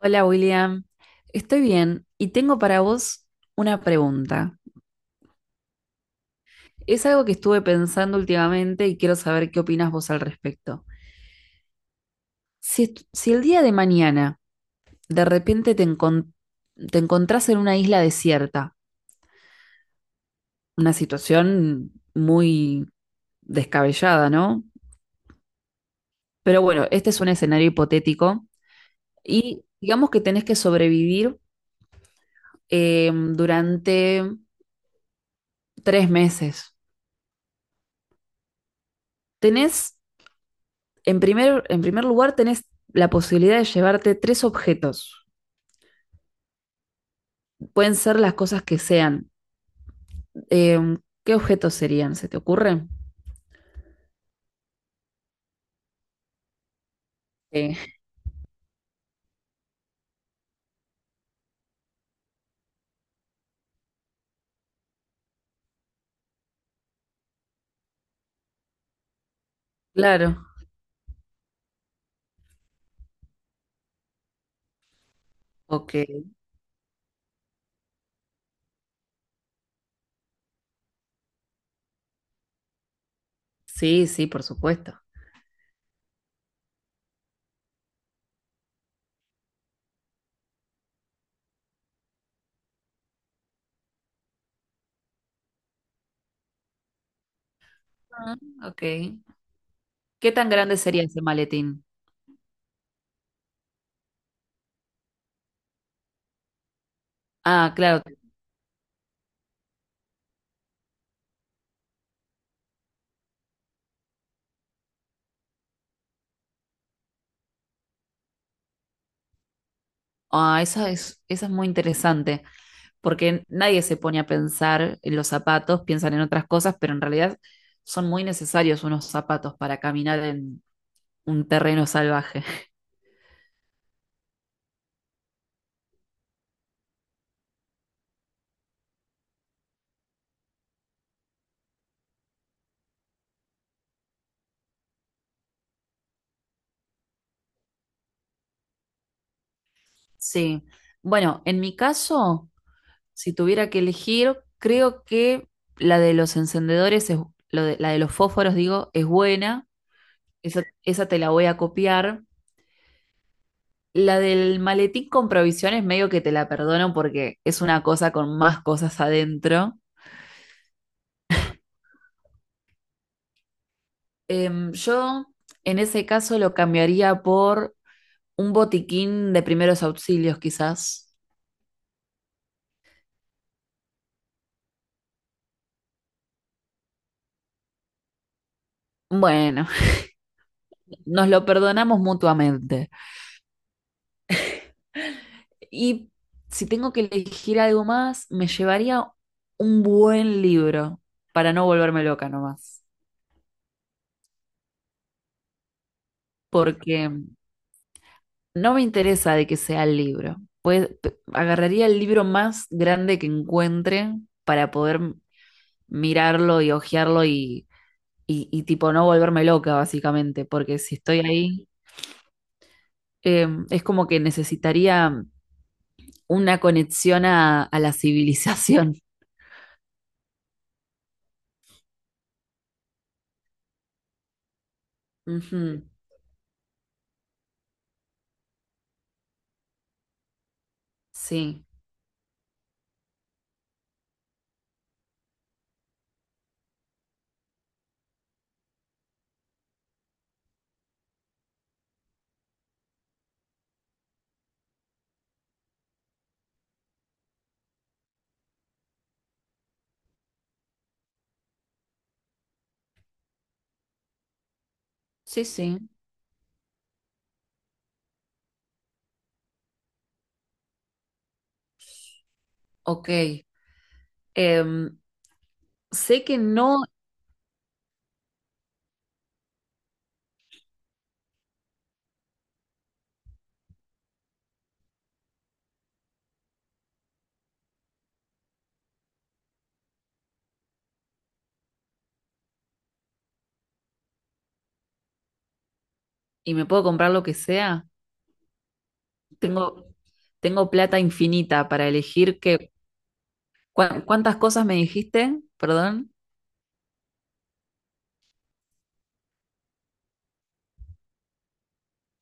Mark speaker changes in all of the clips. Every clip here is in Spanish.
Speaker 1: Hola William, estoy bien y tengo para vos una pregunta. Es algo que estuve pensando últimamente y quiero saber qué opinas vos al respecto. Si el día de mañana de repente te encontrás en una isla desierta, una situación muy descabellada, ¿no? Pero bueno, este es un escenario hipotético y digamos que tenés que sobrevivir durante tres meses. Tenés En primer lugar, tenés la posibilidad de llevarte tres objetos. Pueden ser las cosas que sean. Eh, ¿Qué objetos serían? ¿Se te ocurre? Eh, claro. Ok. Sí, sí, por supuesto. Ah, ok. ¿Qué tan grande sería ese maletín? Ah, claro. Ah, esa es muy interesante, porque nadie se pone a pensar en los zapatos, piensan en otras cosas, pero en realidad son muy necesarios unos zapatos para caminar en un terreno salvaje. Sí. Bueno, en mi caso, si tuviera que elegir, creo que la de los encendedores es, la de los fósforos, digo, es buena. Esa te la voy a copiar. La del maletín con provisiones, medio que te la perdono porque es una cosa con más cosas adentro. Yo en ese caso lo cambiaría por un botiquín de primeros auxilios, quizás. Bueno, nos lo perdonamos mutuamente. Y si tengo que elegir algo más, me llevaría un buen libro para no volverme loca nomás, porque no me interesa de que sea el libro. Pues agarraría el libro más grande que encuentre para poder mirarlo y hojearlo y tipo no volverme loca básicamente, porque si estoy ahí es como que necesitaría una conexión a la civilización. Ujú, sí, sí, sí. Ok. Em, Sé que no, y me puedo comprar lo que sea. Tengo, tengo plata infinita para elegir que, ¿cuántas cosas me dijiste? Perdón.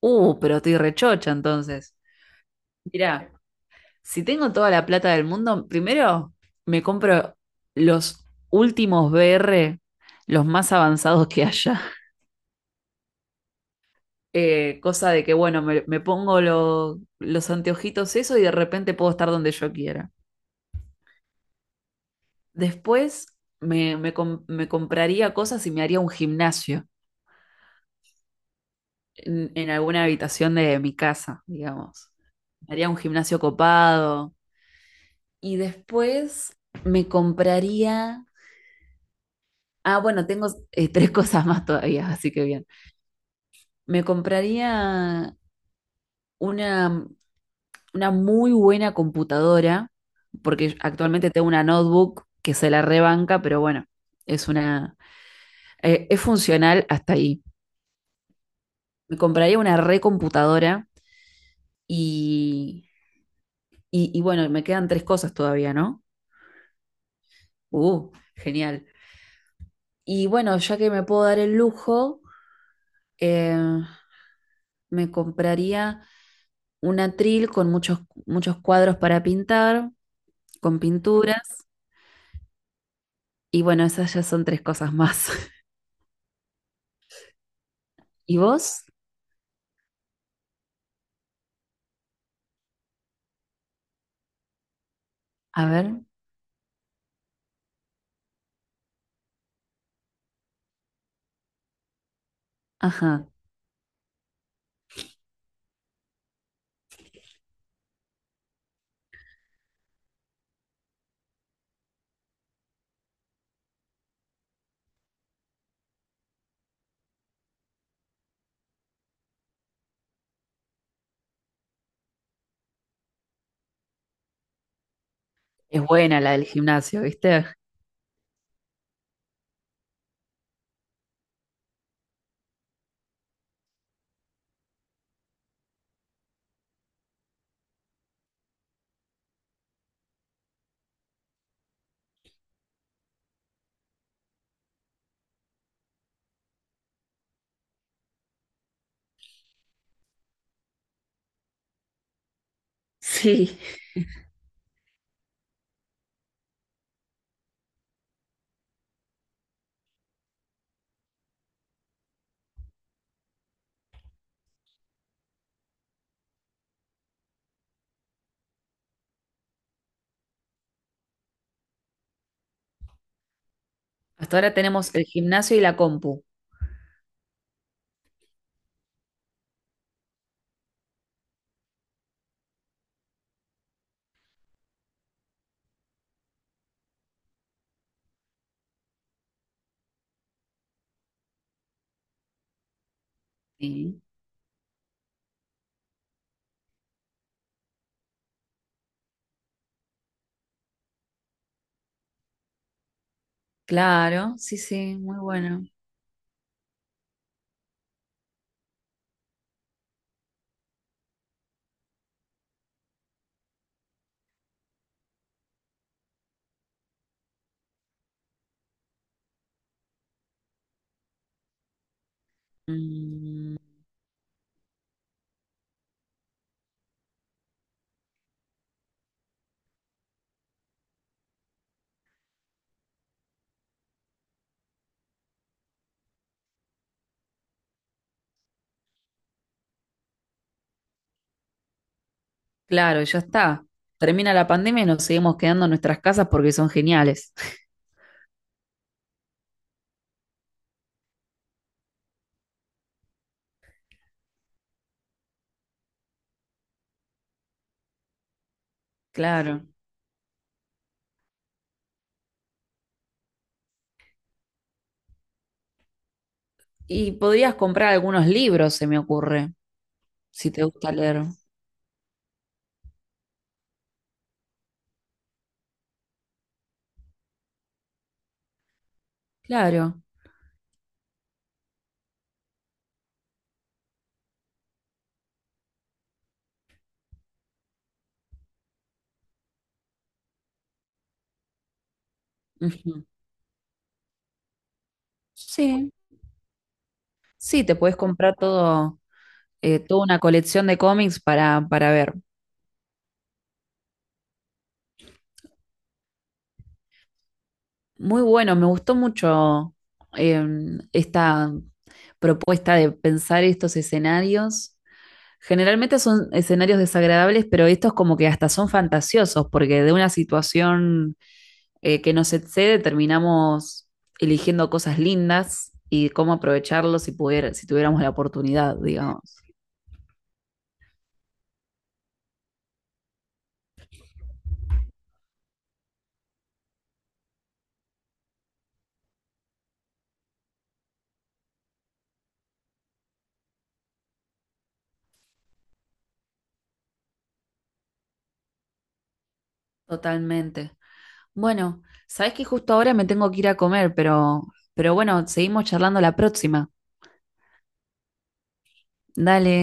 Speaker 1: Pero estoy rechocha entonces. Mirá, si tengo toda la plata del mundo, primero me compro los últimos VR, los más avanzados que haya. Cosa de que, bueno, me pongo los anteojitos, eso, y de repente puedo estar donde yo quiera. Después me compraría cosas y me haría un gimnasio en alguna habitación de mi casa, digamos. Me haría un gimnasio copado. Y después me compraría. Ah, bueno, tengo tres cosas más todavía, así que bien. Me compraría una, una muy buena computadora, porque actualmente tengo una notebook que se la rebanca, pero bueno, es una... es funcional hasta ahí. Me compraría una recomputadora. Y, y bueno, me quedan tres cosas todavía, ¿no? Genial. Y bueno, ya que me puedo dar el lujo, eh, me compraría un atril con muchos, muchos cuadros para pintar, con pinturas. Y bueno, esas ya son tres cosas más. ¿Y vos? A ver, ajá. Es buena la del gimnasio, ¿viste? Sí. Hasta ahora tenemos el gimnasio y la compu. Sí. Claro, sí, sí, muy bueno. Mm, claro, y ya está. Termina la pandemia y nos seguimos quedando en nuestras casas porque son geniales. Claro. Y podrías comprar algunos libros, se me ocurre, si te gusta leer. Claro. Ujú. Sí, sí, te puedes comprar todo, toda una colección de cómics para ver. Muy bueno, me gustó mucho eh, esta propuesta de pensar estos escenarios. Generalmente son escenarios desagradables, pero estos como que hasta son fantasiosos, porque de una situación que nos excede, terminamos eligiendo cosas lindas y cómo aprovecharlo si pudiera, si tuviéramos la oportunidad, digamos. Totalmente. Bueno, sabes que justo ahora me tengo que ir a comer, pero, bueno, seguimos charlando la próxima. Dale.